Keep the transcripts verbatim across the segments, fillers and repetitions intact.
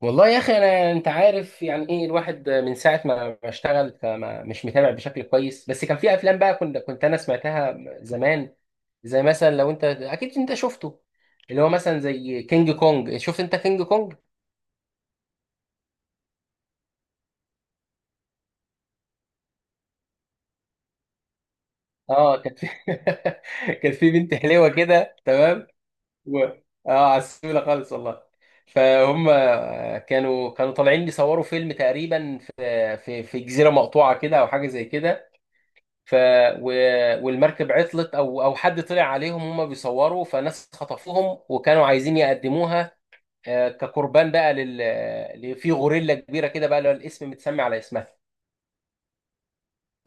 والله يا اخي انا انت عارف يعني ايه الواحد من ساعه ما ما اشتغل فما مش متابع بشكل كويس، بس كان في افلام بقى كنت كنت انا سمعتها زمان. زي مثلا لو انت اكيد انت شفته، اللي هو مثلا زي كينج كونج. شفت انت كينج كونج؟ اه كان في كان في بنت حلوه كده، تمام. و... اه عسوله خالص والله. فهم كانوا كانوا طالعين يصوروا فيلم تقريبا في في في جزيره مقطوعه كده او حاجه زي كده. ف و... والمركب عطلت، او او حد طلع عليهم هم بيصوروا، فناس خطفوهم وكانوا عايزين يقدموها آه، كقربان بقى لل ل- في غوريلا كبيره كده بقى اللي هو الاسم متسمي على اسمها.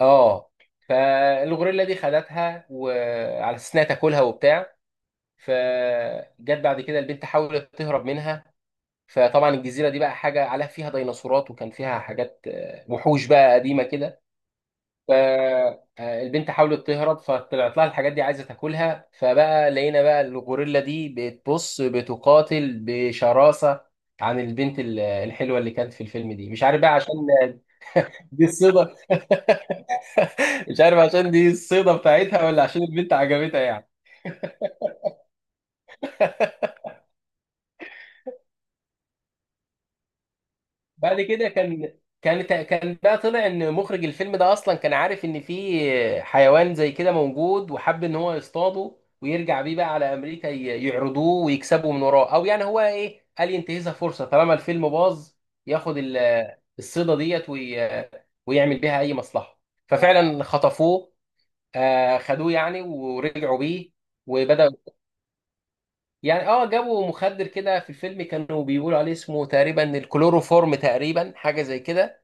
اه فالغوريلا دي خدتها وعلى اساس انها تاكلها وبتاع. فجت بعد كده البنت حاولت تهرب منها. فطبعا الجزيره دي بقى حاجه عليها، فيها ديناصورات وكان فيها حاجات آه، وحوش بقى قديمه كده. فالبنت حاولت تهرب فطلعت لها الحاجات دي عايزه تاكلها، فبقى لقينا بقى الغوريلا دي بتبص بتقاتل بشراسه عن البنت ال- الحلوه اللي كانت في الفيلم دي. مش عارف بقى عشان دي الصيده مش عارف عشان دي الصيده بتاعتها ولا عشان البنت عجبتها يعني. بعد كده كان كان كان بقى طلع ان مخرج الفيلم ده اصلا كان عارف ان في حيوان زي كده موجود، وحب ان هو يصطاده ويرجع بيه بقى على امريكا ي- يعرضوه ويكسبوا من وراه، او يعني هو ايه، قال ينتهزها فرصه طالما الفيلم باظ، ياخد ال- الصيده ديت وي- ويعمل بيها اي مصلحه. ففعلا خطفوه آه، خدوه يعني ورجعوا بيه وبداوا، يعني اه جابوا مخدر كده في الفيلم كانوا بيقولوا عليه اسمه تقريبا الكلوروفورم، تقريبا حاجه زي كده.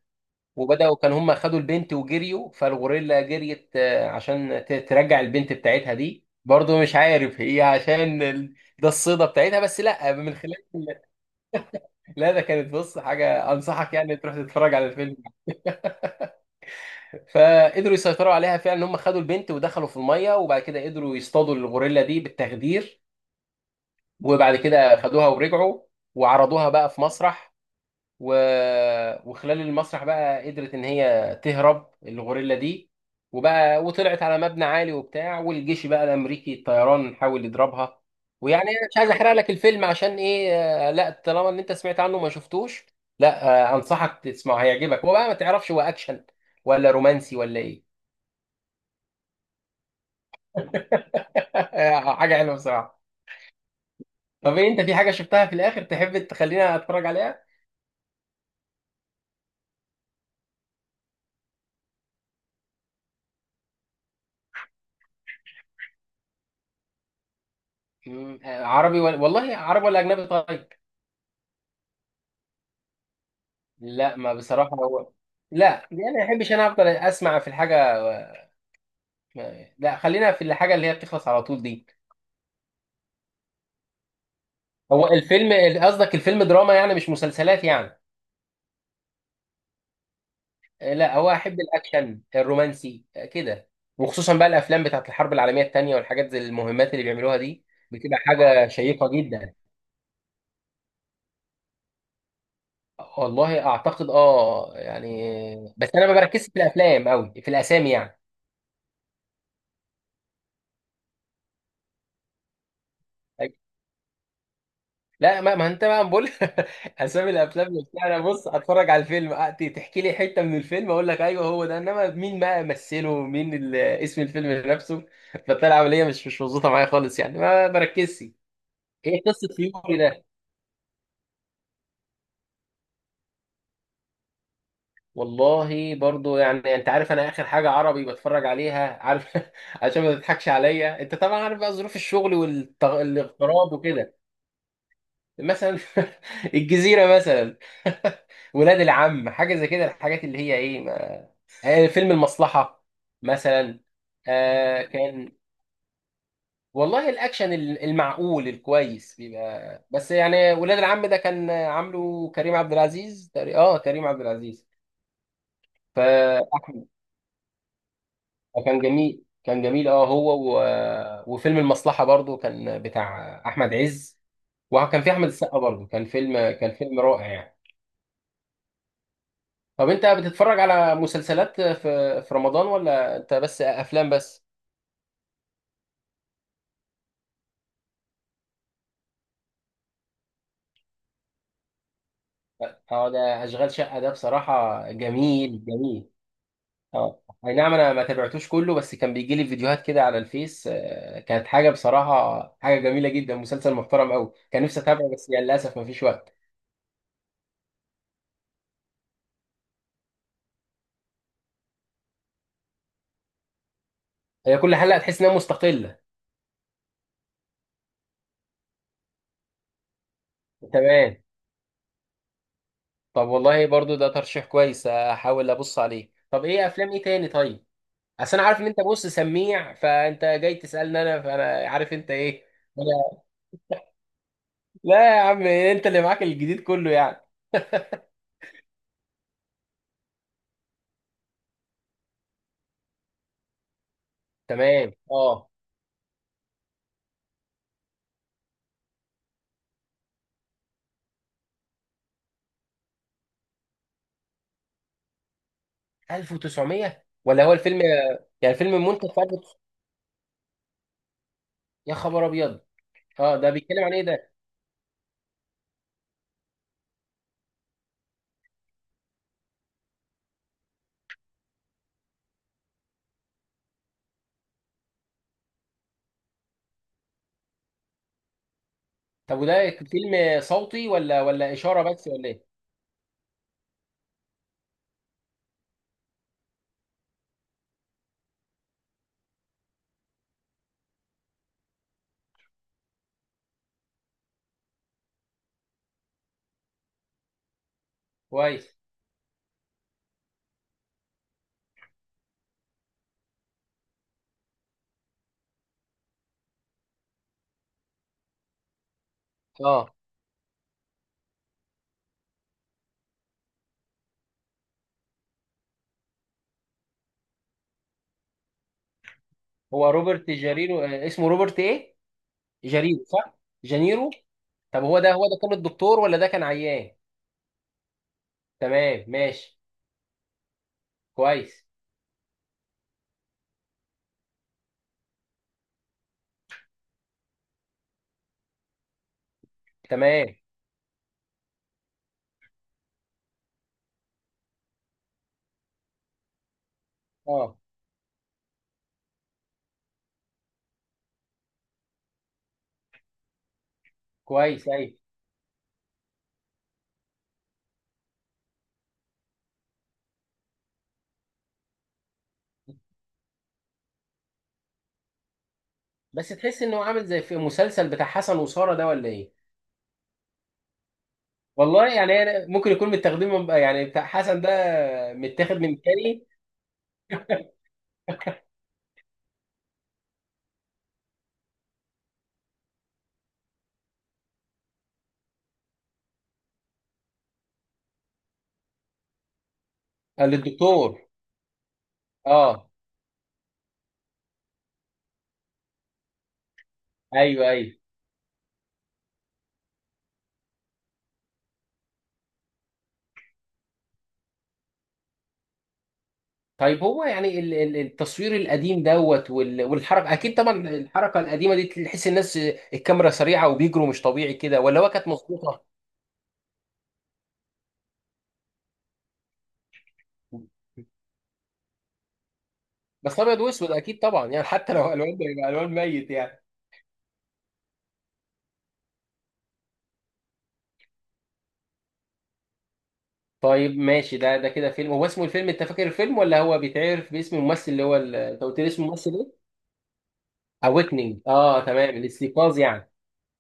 وبداوا كان هم خدوا البنت وجريوا، فالغوريلا جريت آه، عشان ت- ترجع البنت بتاعتها دي. برضو مش عارف هي عشان ال- ده الصيدة بتاعتها، بس لا من خلال لا ده كانت، بص حاجة، أنصحك يعني تروح تتفرج على الفيلم. فقدروا يسيطروا عليها فعلا، هم خدوا البنت ودخلوا في المية، وبعد كده قدروا يصطادوا الغوريلا دي بالتخدير. وبعد كده خدوها ورجعوا وعرضوها بقى في مسرح. و... وخلال المسرح بقى قدرت ان هي تهرب الغوريلا دي، وبقى وطلعت على مبنى عالي وبتاع، والجيش بقى الامريكي الطيران حاول يضربها. ويعني انا مش عايز احرق لك الفيلم عشان ايه آه، لا طالما ان انت سمعت عنه وما شفتوش، لا آه، انصحك تسمعه هيعجبك. هو بقى ما تعرفش هو اكشن ولا رومانسي ولا ايه. حاجه حلوه بصراحه. طب ايه، انت في حاجه شفتها في الاخر تحب تخلينا اتفرج عليها؟ مم، آه، عربي ولا، والله عربي ولا اجنبي طيب؟ لا ما بصراحة هو لا يعني ما بحبش انا، افضل اسمع في الحاجة، لا خلينا في الحاجة اللي هي بتخلص على طول دي. هو الفيلم، قصدك الفيلم دراما يعني مش مسلسلات يعني؟ لا هو احب الاكشن الرومانسي كده، وخصوصا بقى الافلام بتاعت الحرب العالمية التانية والحاجات زي المهمات اللي بيعملوها دي، بتبقى حاجة شيقة جدا. والله اعتقد اه يعني، بس انا ما بركزش في الافلام قوي في الاسامي يعني. لا ما, ما انت بقى بقول اسامي الافلام نفسها، انا بص اتفرج على الفيلم أ- ت- تحكي لي حته من الفيلم اقول لك ايوه هو ده، انما مين بقى مثله مين ال- اسم الفيلم نفسه فبتاع العمليه مش مش مظبوطه معايا خالص يعني، ما بركزش. ايه قصه يوري ده؟ والله برضو يعني، انت عارف انا اخر حاجه عربي بتفرج عليها، عارف عشان ما تضحكش عليا، انت طبعا عارف بقى ظروف الشغل والاغتراب وكده، مثلا الجزيره مثلا ولاد العم، حاجه زي كده، الحاجات اللي هي ايه آه، فيلم المصلحة مثلا. آه كان، والله الأكشن ال- المعقول الكويس بيبقى، بس يعني ولاد العم ده كان عامله كريم عبد العزيز تقري- اه كريم عبد العزيز. فأحمد كان جميل، كان جميل اه، هو و... وفيلم المصلحة برضو كان بتاع أحمد عز، وكان في أحمد السقا برضو، كان فيلم، كان فيلم رائع يعني. طب أنت بتتفرج على مسلسلات في في رمضان ولا أنت بس أفلام بس؟ اه ده اشغال شقه ده بصراحه جميل جميل. اه اي نعم، انا ما تابعتوش كله، بس كان بيجي لي فيديوهات كده على الفيس آه، كانت حاجه بصراحه، حاجه جميله جدا، مسلسل محترم قوي، كان نفسي اتابعه بس يعني للاسف ما فيش وقت. هي كل حلقه تحس انها مستقله. تمام. طب والله برضو ده ترشيح كويس، احاول ابص عليه. طب ايه افلام ايه تاني طيب؟ اصل انا عارف ان انت، بص سميع فانت جاي تسالني انا، فانا عارف انت ايه. أنا- لا يا عم، انت اللي معاك الجديد كله يعني. تمام. اه ألف وتسعمية ولا هو الفيلم؟ يعني الفيلم منتج في ألف وتسعمية؟ يا خبر ابيض. اه ده بيتكلم عن ايه ده؟ طب وده فيلم صوتي ولا ولا اشاره بس ولا ايه؟ كويس. اه هو روبرت جاريرو آه، اسمه روبرت ايه؟ جاريرو صح. جانيرو. طب هو ده هو ده كان الدكتور ولا ده كان عيان؟ تمام ماشي. كويس. تمام اه. كويس ايوه. بس تحس انه عامل زي في المسلسل بتاع حسن وساره ده ولا ايه؟ والله يعني أنا ممكن يكون متاخدين من، يعني بتاع حسن ده متاخد من التاني. آه، للدكتور. اه ايوه ايوه. طيب هو يعني ال- ال- التصوير القديم دوت وال- والحركه اكيد طبعا، الحركه القديمه دي تحس الناس الكاميرا سريعه وبيجروا مش طبيعي كده، ولا هو كانت مظبوطه؟ بس ابيض واسود اكيد طبعا يعني، حتى لو الوان ده يبقى الوان ميت يعني. طيب ماشي، ده ده كده فيلم، هو اسمه الفيلم انت فاكر الفيلم ولا هو بيتعرف باسم الممثل اللي هو ال- انت قلت لي اسم الممثل ايه؟ اويكننج. اه تمام، الاستيقاظ يعني.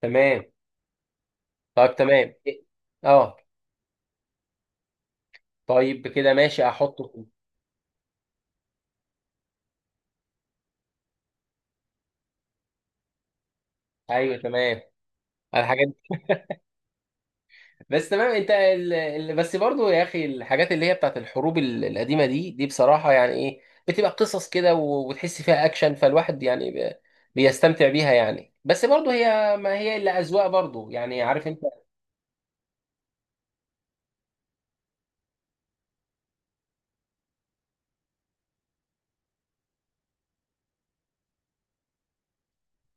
تمام. طيب تمام، إيه؟ اه. طيب كده ماشي احطه. ايوه تمام. الحاجات دي. بس تمام انت ال... ال... بس برضو يا اخي، الحاجات اللي هي بتاعت الحروب ال- القديمه دي دي بصراحه يعني ايه، بتبقى قصص كده، و... وتحس فيها اكشن، فالواحد يعني ب... بيستمتع بيها يعني. بس برضو هي ما هي الا اذواق، برضو يعني عارف انت.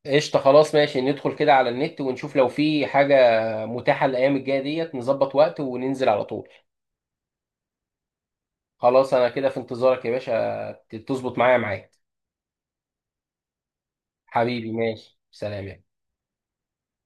قشطه خلاص ماشي، ندخل كده على النت ونشوف لو في حاجه متاحه الايام الجايه ديت، نظبط وقت وننزل على طول. خلاص انا كده في انتظارك يا باشا، تظبط معايا معاك. حبيبي ماشي، سلام يا.